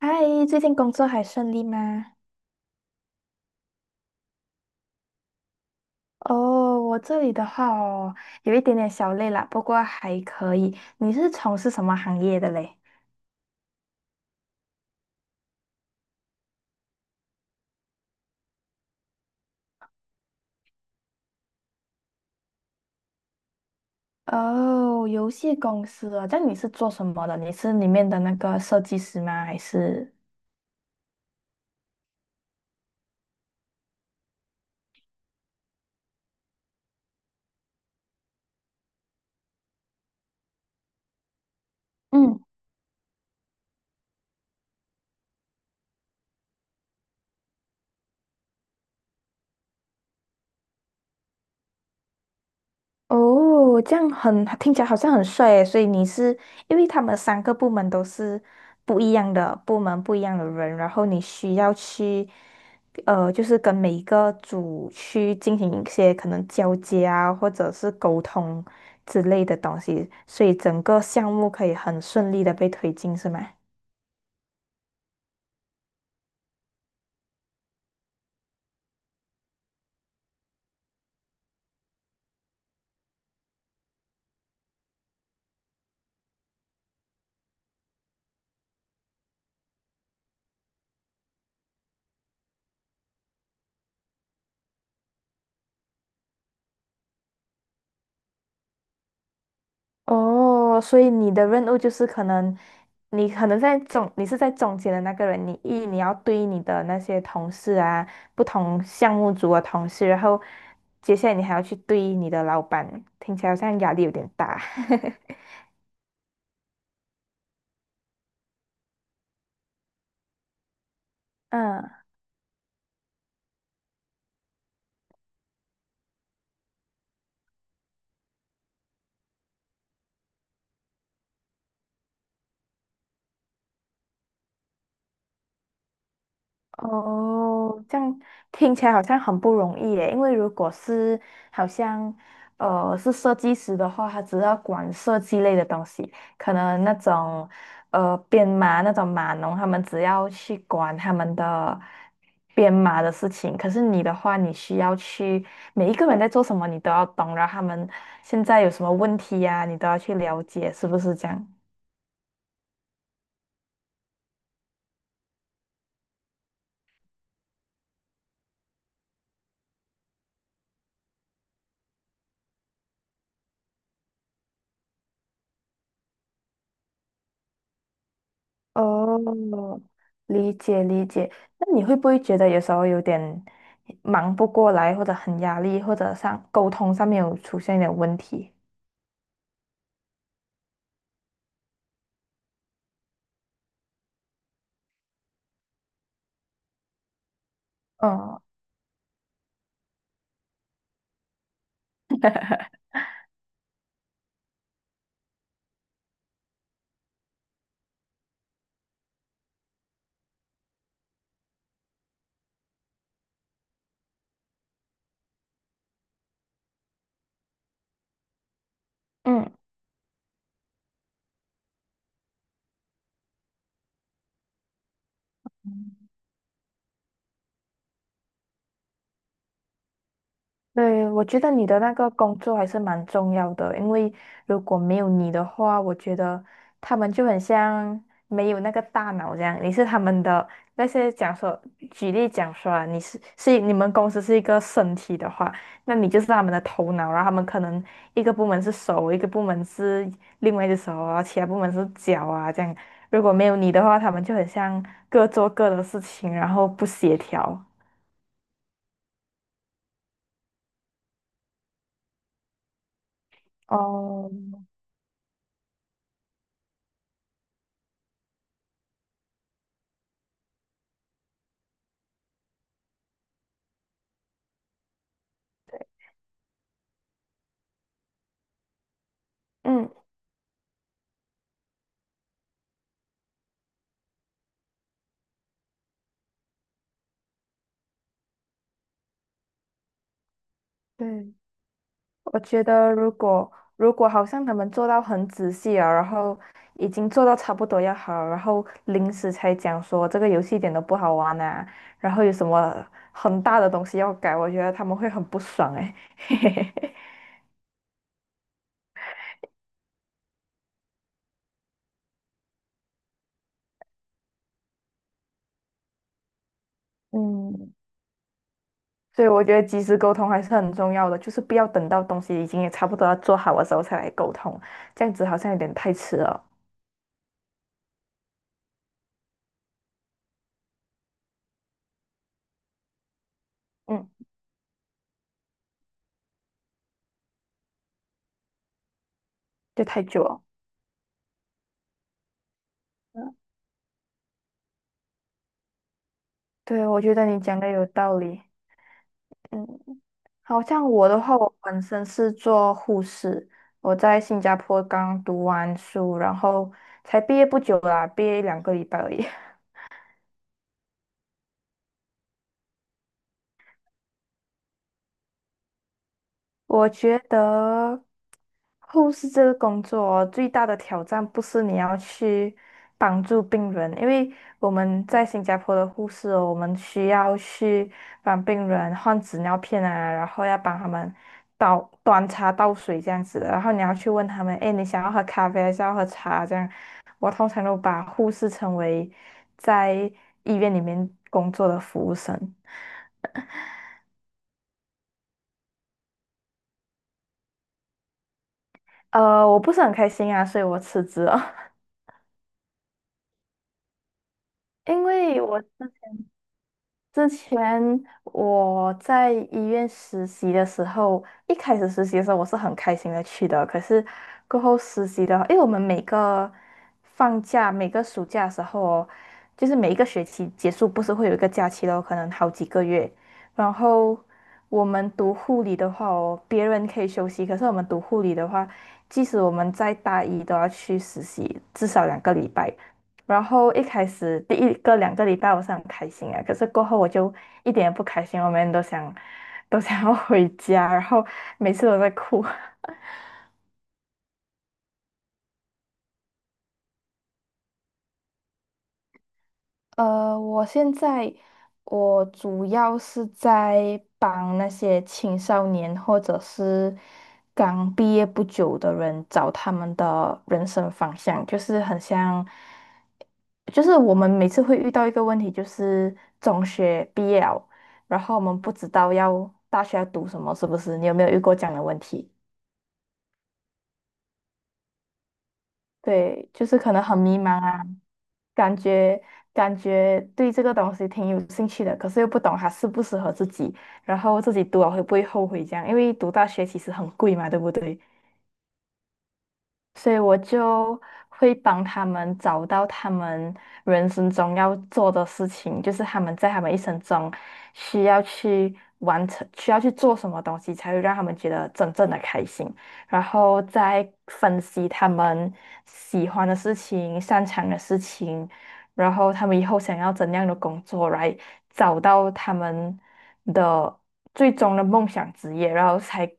嗨，最近工作还顺利吗？哦，我这里的话哦，有一点点小累啦，不过还可以。你是从事什么行业的嘞？哦，游戏公司哦，这样你是做什么的？你是里面的那个设计师吗？还是？嗯。哦，这样很，听起来好像很帅诶，所以你是，因为他们3个部门都是不一样的部门，不一样的人，然后你需要去，就是跟每一个组去进行一些可能交接啊，或者是沟通之类的东西，所以整个项目可以很顺利的被推进，是吗？哦，所以你的任务就是可能，你可能在中，你是在中间的那个人，你要对你的那些同事啊，不同项目组的同事，然后接下来你还要去对你的老板，听起来好像压力有点大。嗯。哦，这样听起来好像很不容易耶。因为如果是好像是设计师的话，他只要管设计类的东西，可能那种编码那种码农，他们只要去管他们的编码的事情。可是你的话，你需要去每一个人在做什么，你都要懂，然后他们现在有什么问题呀、你都要去了解，是不是这样？哦，理解理解。那你会不会觉得有时候有点忙不过来，或者很压力，或者上沟通上面有出现一点问题？嗯嗯。对，我觉得你的那个工作还是蛮重要的，因为如果没有你的话，我觉得他们就很像没有那个大脑这样。你是他们的那些讲说，举例讲说啊，你是你们公司是一个身体的话，那你就是他们的头脑，然后他们可能一个部门是手，一个部门是另外一只手啊，然后其他部门是脚啊这样。如果没有你的话，他们就很像各做各的事情，然后不协调。哦，嗯。对，我觉得如果好像他们做到很仔细啊，然后已经做到差不多要好，然后临时才讲说这个游戏一点都不好玩啊，然后有什么很大的东西要改，我觉得他们会很不爽哎、嗯，所以我觉得及时沟通还是很重要的，就是不要等到东西已经也差不多要做好的时候才来沟通，这样子好像有点太迟了，嗯，就太久了。嗯。对，我觉得你讲的有道理。嗯。好像我的话，我本身是做护士，我在新加坡刚读完书，然后才毕业不久啦，毕业两个礼拜而已。我觉得护士这个工作哦最大的挑战不是你要去帮助病人，因为我们在新加坡的护士哦，我们需要去帮病人换纸尿片啊，然后要帮他们倒端茶倒水这样子的，然后你要去问他们，哎，你想要喝咖啡还是要喝茶这样。我通常都把护士称为在医院里面工作的服务生。呃，我不是很开心啊，所以我辞职了。因为我之前我在医院实习的时候，一开始实习的时候我是很开心的去的，可是过后实习的话，因为我们每个放假、每个暑假的时候哦，就是每一个学期结束不是会有一个假期咯，可能好几个月。然后我们读护理的话哦，别人可以休息，可是我们读护理的话，即使我们在大一都要去实习，至少两个礼拜。然后一开始第一个两个礼拜我是很开心啊，可是过后我就一点也不开心，我每天都想要回家，然后每次都在哭。呃，我现在我主要是在帮那些青少年或者是刚毕业不久的人找他们的人生方向，就是很像，就是我们每次会遇到一个问题，就是中学毕业了，然后我们不知道要大学要读什么，是不是？你有没有遇过这样的问题？对，就是可能很迷茫啊，感觉感觉对这个东西挺有兴趣的，可是又不懂它适不适合自己，然后自己读了会不会后悔这样？因为读大学其实很贵嘛，对不对？所以我就会帮他们找到他们人生中要做的事情，就是他们在他们一生中需要去完成、需要去做什么东西，才会让他们觉得真正的开心。然后再分析他们喜欢的事情、擅长的事情，然后他们以后想要怎样的工作来找到他们的最终的梦想职业，然后才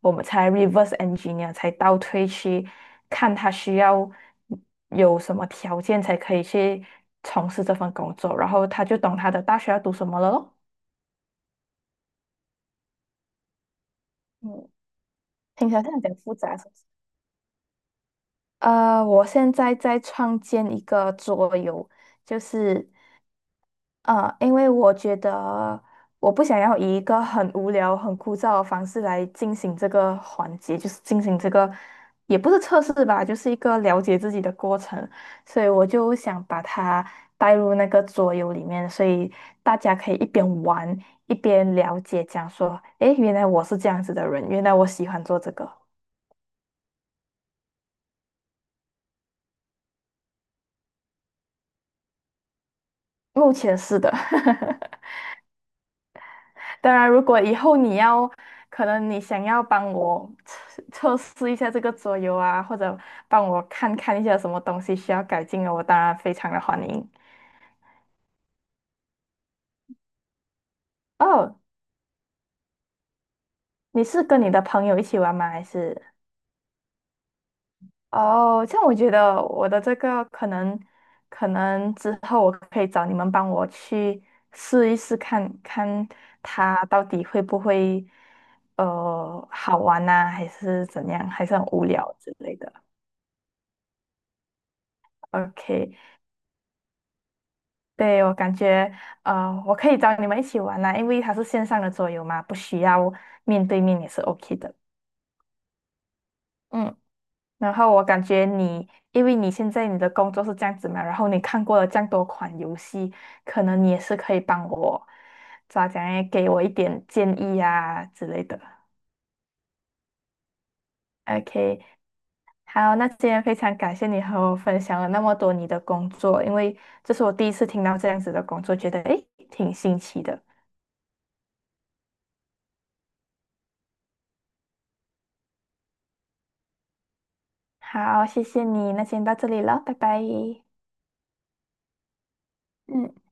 我们才 reverse engineer 才倒推去看他需要有什么条件才可以去从事这份工作，然后他就懂他的大学要读什么了咯。嗯，听起来是很复杂，是不是？呃，我现在在创建一个桌游，就是。呃，因为我觉得我不想要以一个很无聊、很枯燥的方式来进行这个环节，就是进行这个也不是测试吧，就是一个了解自己的过程，所以我就想把它带入那个桌游里面，所以大家可以一边玩一边了解，讲说，诶，原来我是这样子的人，原来我喜欢做这个。目前是的，当然，如果以后你要，可能你想要帮我测试一下这个桌游啊，或者帮我看看一下有什么东西需要改进的，我当然非常的欢迎。哦，你是跟你的朋友一起玩吗？还是？哦，这样我觉得我的这个可能，可能之后我可以找你们帮我去试一试看，看它到底会不会，呃，好玩呐、还是怎样，还是很无聊之类的。OK。对，我感觉，呃，我可以找你们一起玩啦，因为它是线上的桌游嘛，不需要面对面也是 OK 的。嗯，然后我感觉你，因为你现在你的工作是这样子嘛，然后你看过了这样多款游戏，可能你也是可以帮我，咋讲诶，给我一点建议啊之类的。OK，好，那今天非常感谢你和我分享了那么多你的工作，因为这是我第一次听到这样子的工作，觉得诶挺新奇的。好，谢谢你，那先到这里了，拜拜。嗯，